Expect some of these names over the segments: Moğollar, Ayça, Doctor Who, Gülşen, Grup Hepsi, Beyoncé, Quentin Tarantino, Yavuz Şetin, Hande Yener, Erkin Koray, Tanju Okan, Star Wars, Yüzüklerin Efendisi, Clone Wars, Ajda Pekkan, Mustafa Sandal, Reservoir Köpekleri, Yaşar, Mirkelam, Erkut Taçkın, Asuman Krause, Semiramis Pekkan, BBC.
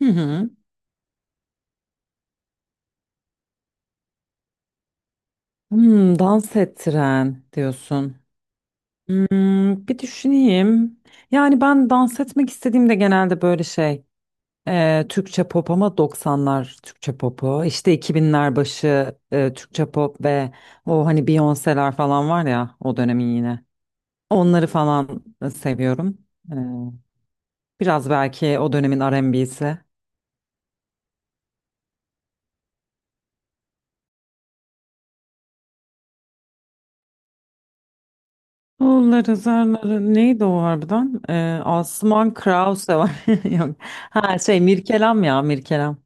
Hı hı. Dans ettiren diyorsun. Bir düşüneyim. Yani ben dans etmek istediğimde genelde böyle şey Türkçe pop ama 90'lar Türkçe popu işte 2000'ler başı Türkçe pop ve o hani Beyoncé'ler falan var ya o dönemin yine. Onları falan seviyorum. E, biraz belki o dönemin R&B'si. Oğulları zarları neydi o harbiden? Asuman Krause var. Yok. Ha şey Mirkelam ya Mirkelam.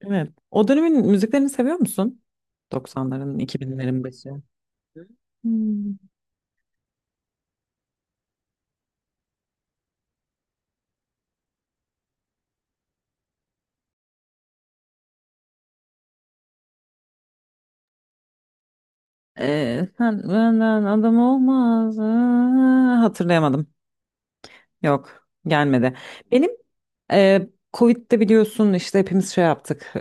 Evet. O dönemin müziklerini seviyor musun? 90'ların 2000'lerin başı. Hmm. Sen benden adam olmaz. Aa, hatırlayamadım. Yok, gelmedi. Benim e, Covid'de biliyorsun işte hepimiz şey yaptık. e,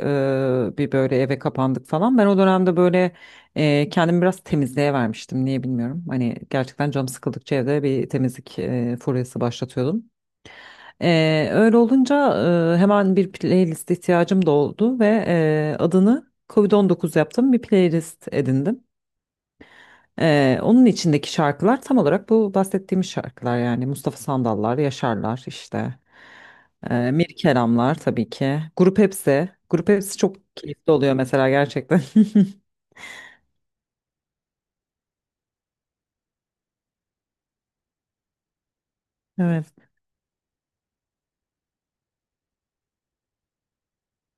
bir böyle eve kapandık falan. Ben o dönemde böyle kendimi biraz temizliğe vermiştim. Niye bilmiyorum. Hani gerçekten canım sıkıldıkça evde bir temizlik furyası başlatıyordum. Öyle olunca hemen bir playlist ihtiyacım da oldu ve adını Covid-19 yaptım. Bir playlist edindim. Onun içindeki şarkılar tam olarak bu bahsettiğimiz şarkılar yani Mustafa Sandallar, Yaşarlar işte. Mir Kelamlar tabii ki. Grup Hepsi. Grup Hepsi çok keyifli oluyor mesela gerçekten. Evet.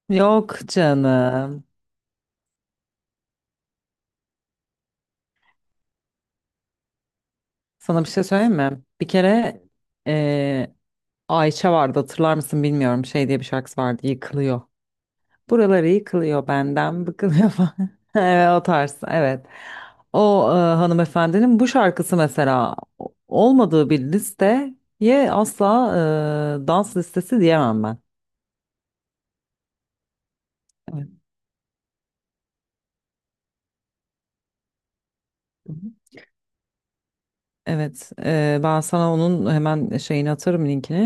Yok canım. Sana bir şey söyleyeyim mi? Bir kere eee, Ayça vardı hatırlar mısın bilmiyorum. Şey diye bir şarkısı vardı. Yıkılıyor. Buraları yıkılıyor benden, bıkılıyor falan. Evet, o tarz, evet. O hanımefendinin bu şarkısı mesela olmadığı bir listeye asla dans listesi diyemem ben. Evet. Hı hı. Evet, ben sana onun hemen şeyini atarım linkini.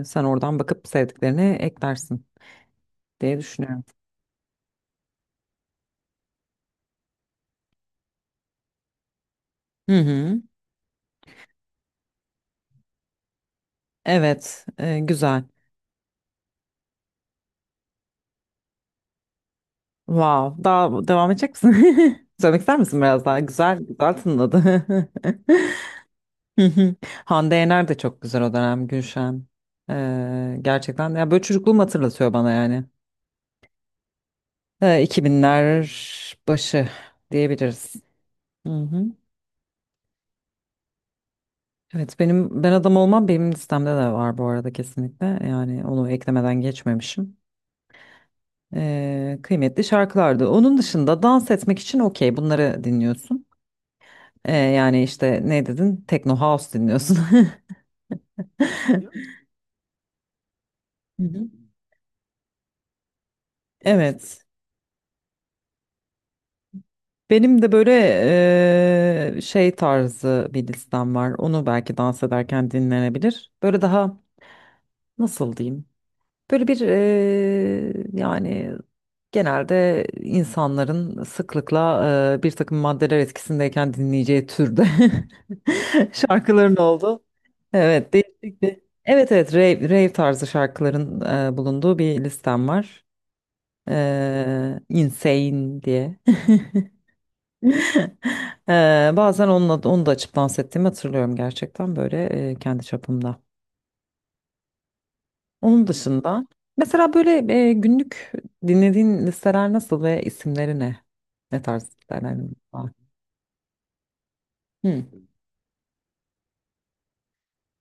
Sen oradan bakıp sevdiklerini eklersin diye düşünüyorum. Hı hı. Evet, güzel. Wow. Daha devam edecek misin? Söylemek ister misin biraz daha? Güzel, güzel tınladı. Hı hı. Hande Yener de çok güzel o dönem Gülşen. Gerçekten ya böyle çocukluğumu hatırlatıyor bana yani. 2000'ler başı diyebiliriz. Hı hı. Evet benim ben adam olmam benim listemde de var bu arada kesinlikle. Yani onu eklemeden geçmemişim. Kıymetli şarkılardı. Onun dışında dans etmek için okey bunları dinliyorsun. Yani işte ne dedin? Techno House dinliyorsun. Hı hı. Evet. Benim de böyle şey tarzı bir listem var. Onu belki dans ederken dinlenebilir. Böyle daha nasıl diyeyim? Böyle bir yani genelde insanların sıklıkla bir takım maddeler etkisindeyken dinleyeceği türde şarkıların oldu. Evet, değişik bir. Evet evet rave, rave tarzı şarkıların bulunduğu bir listem var. Insane diye. Bazen onunla, onu da açıp dans ettiğimi hatırlıyorum gerçekten böyle kendi çapımda. Onun dışında mesela böyle günlük dinlediğin listeler nasıl ve isimleri ne? Ne tarz listeler var? Hı.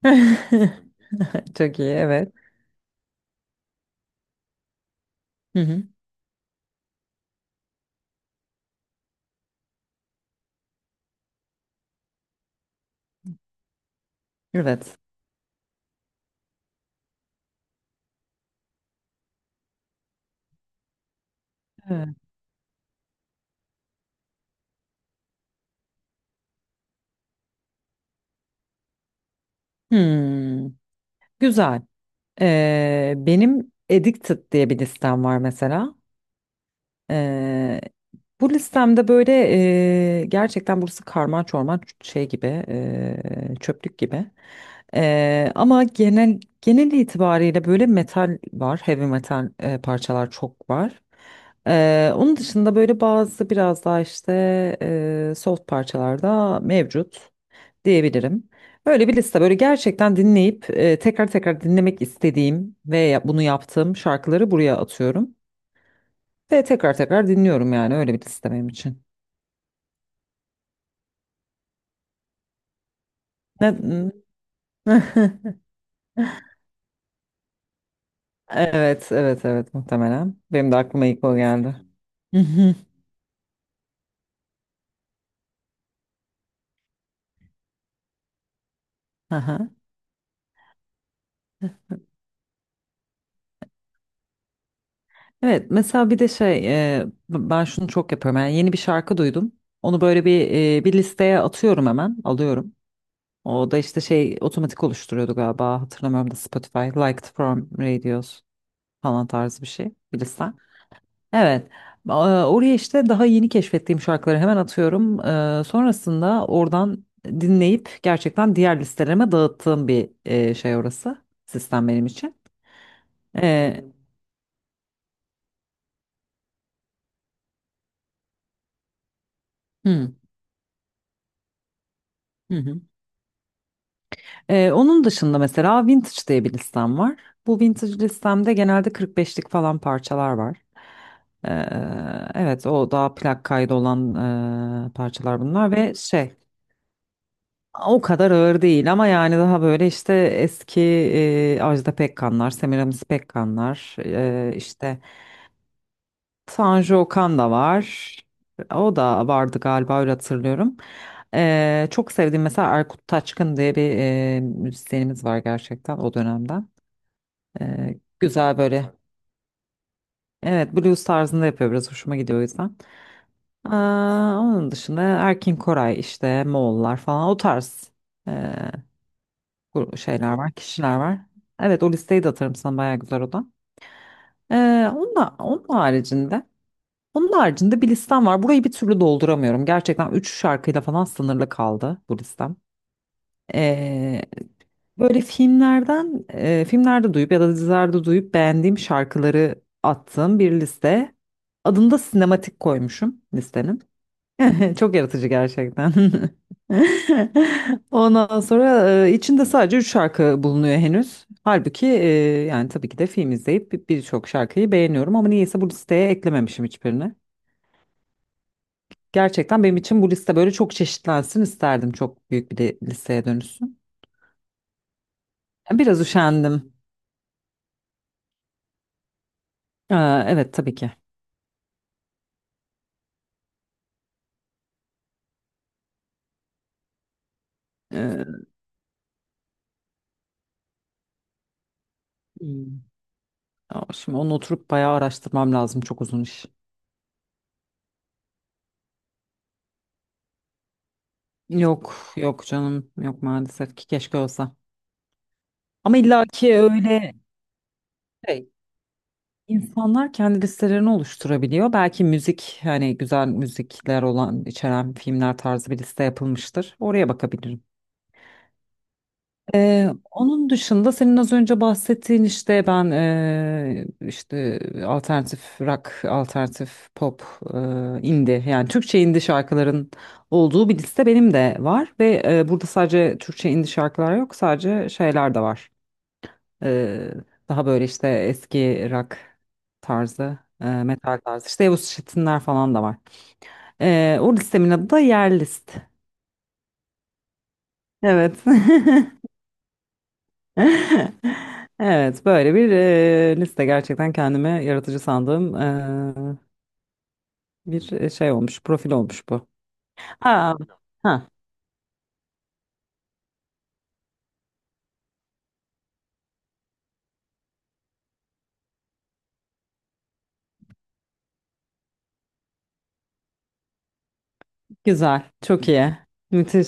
Çok iyi evet. Hı hı. Evet. Evet. Hmm. Güzel. Benim Addicted diye bir listem var mesela. Eee, bu listemde böyle gerçekten burası karman çorman şey gibi çöplük gibi. Ama genel itibariyle böyle metal var, heavy metal parçalar çok var. Onun dışında böyle bazı biraz daha işte soft parçalar da mevcut diyebilirim. Böyle bir liste böyle gerçekten dinleyip tekrar tekrar dinlemek istediğim ve bunu yaptığım şarkıları buraya atıyorum. Ve tekrar tekrar dinliyorum yani öyle bir liste benim için. Ne? Evet, evet, evet muhtemelen. Benim de aklıma ilk o geldi. Mhm, aha. Evet mesela bir de şey ben şunu çok yapıyorum yani yeni bir şarkı duydum onu böyle bir listeye atıyorum hemen alıyorum o da işte şey otomatik oluşturuyordu galiba hatırlamıyorum da Spotify Liked from Radios falan tarzı bir şey bir liste. Evet. Aa, oraya işte daha yeni keşfettiğim şarkıları hemen atıyorum. Sonrasında oradan dinleyip gerçekten diğer listelerime dağıttığım bir şey orası. Sistem benim için. Ee, hı, hı hı. Onun dışında mesela Vintage diye bir listem var. Bu Vintage listemde genelde 45'lik falan parçalar var. Ee, evet o daha plak kaydı olan parçalar bunlar ve şey. O kadar ağır değil ama yani daha böyle işte eski Ajda Pekkanlar, Semiramis Pekkanlar, işte Tanju Okan da var. O da vardı galiba öyle hatırlıyorum. Çok sevdiğim mesela Erkut Taçkın diye bir müzisyenimiz var gerçekten o dönemden. Güzel böyle. Evet blues tarzında yapıyor biraz hoşuma gidiyor o yüzden. Aa, onun dışında Erkin Koray işte Moğollar falan o tarz. Şeyler var, kişiler var. Evet o listeyi de atarım sana bayağı güzel o da. Ee, onun, da- onun haricinde onun haricinde bir listem var. Burayı bir türlü dolduramıyorum. Gerçekten 3 şarkıyla falan sınırlı kaldı bu listem. Ee, böyle filmlerde duyup ya da dizilerde duyup beğendiğim şarkıları attığım bir liste. Adını da sinematik koymuşum listenin. Çok yaratıcı gerçekten. Ondan sonra içinde sadece 3 şarkı bulunuyor henüz. Halbuki yani tabii ki de film izleyip birçok şarkıyı beğeniyorum ama niyeyse bu listeye eklememişim hiçbirini. Gerçekten benim için bu liste böyle çok çeşitlensin isterdim. Çok büyük bir de listeye dönüşsün. Biraz üşendim. Ee, evet tabii ki. Ee, Hmm. Ya şimdi onu oturup bayağı araştırmam lazım. Çok uzun iş. Yok yok canım yok maalesef ki keşke olsa. Ama illaki öyle şey. İnsanlar kendi listelerini oluşturabiliyor. Belki müzik hani güzel müzikler olan içeren filmler tarzı bir liste yapılmıştır. Oraya bakabilirim. Onun dışında senin az önce bahsettiğin işte ben işte alternatif rock, alternatif pop, ee, indie yani Türkçe indie şarkıların olduğu bir liste benim de var ve burada sadece Türkçe indie şarkılar yok sadece şeyler de var. Ee, daha böyle işte eski rock tarzı, metal tarzı. İşte Yavuz Şetinler falan da var. O listemin adı da Yer List. Evet. Evet, böyle bir liste gerçekten kendime yaratıcı sandığım bir şey olmuş, profil olmuş bu. Aa, ha, güzel, çok iyi, müthiş,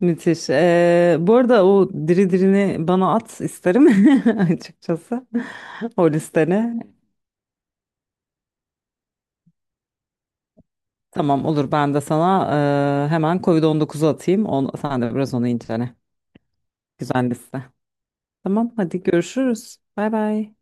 müthiş. Bu arada o diri dirini bana at isterim açıkçası o listeni. Tamam olur ben de sana hemen Covid-19'u atayım. On, sen de biraz onu incele. Güzel liste. Tamam hadi görüşürüz. Bay bay.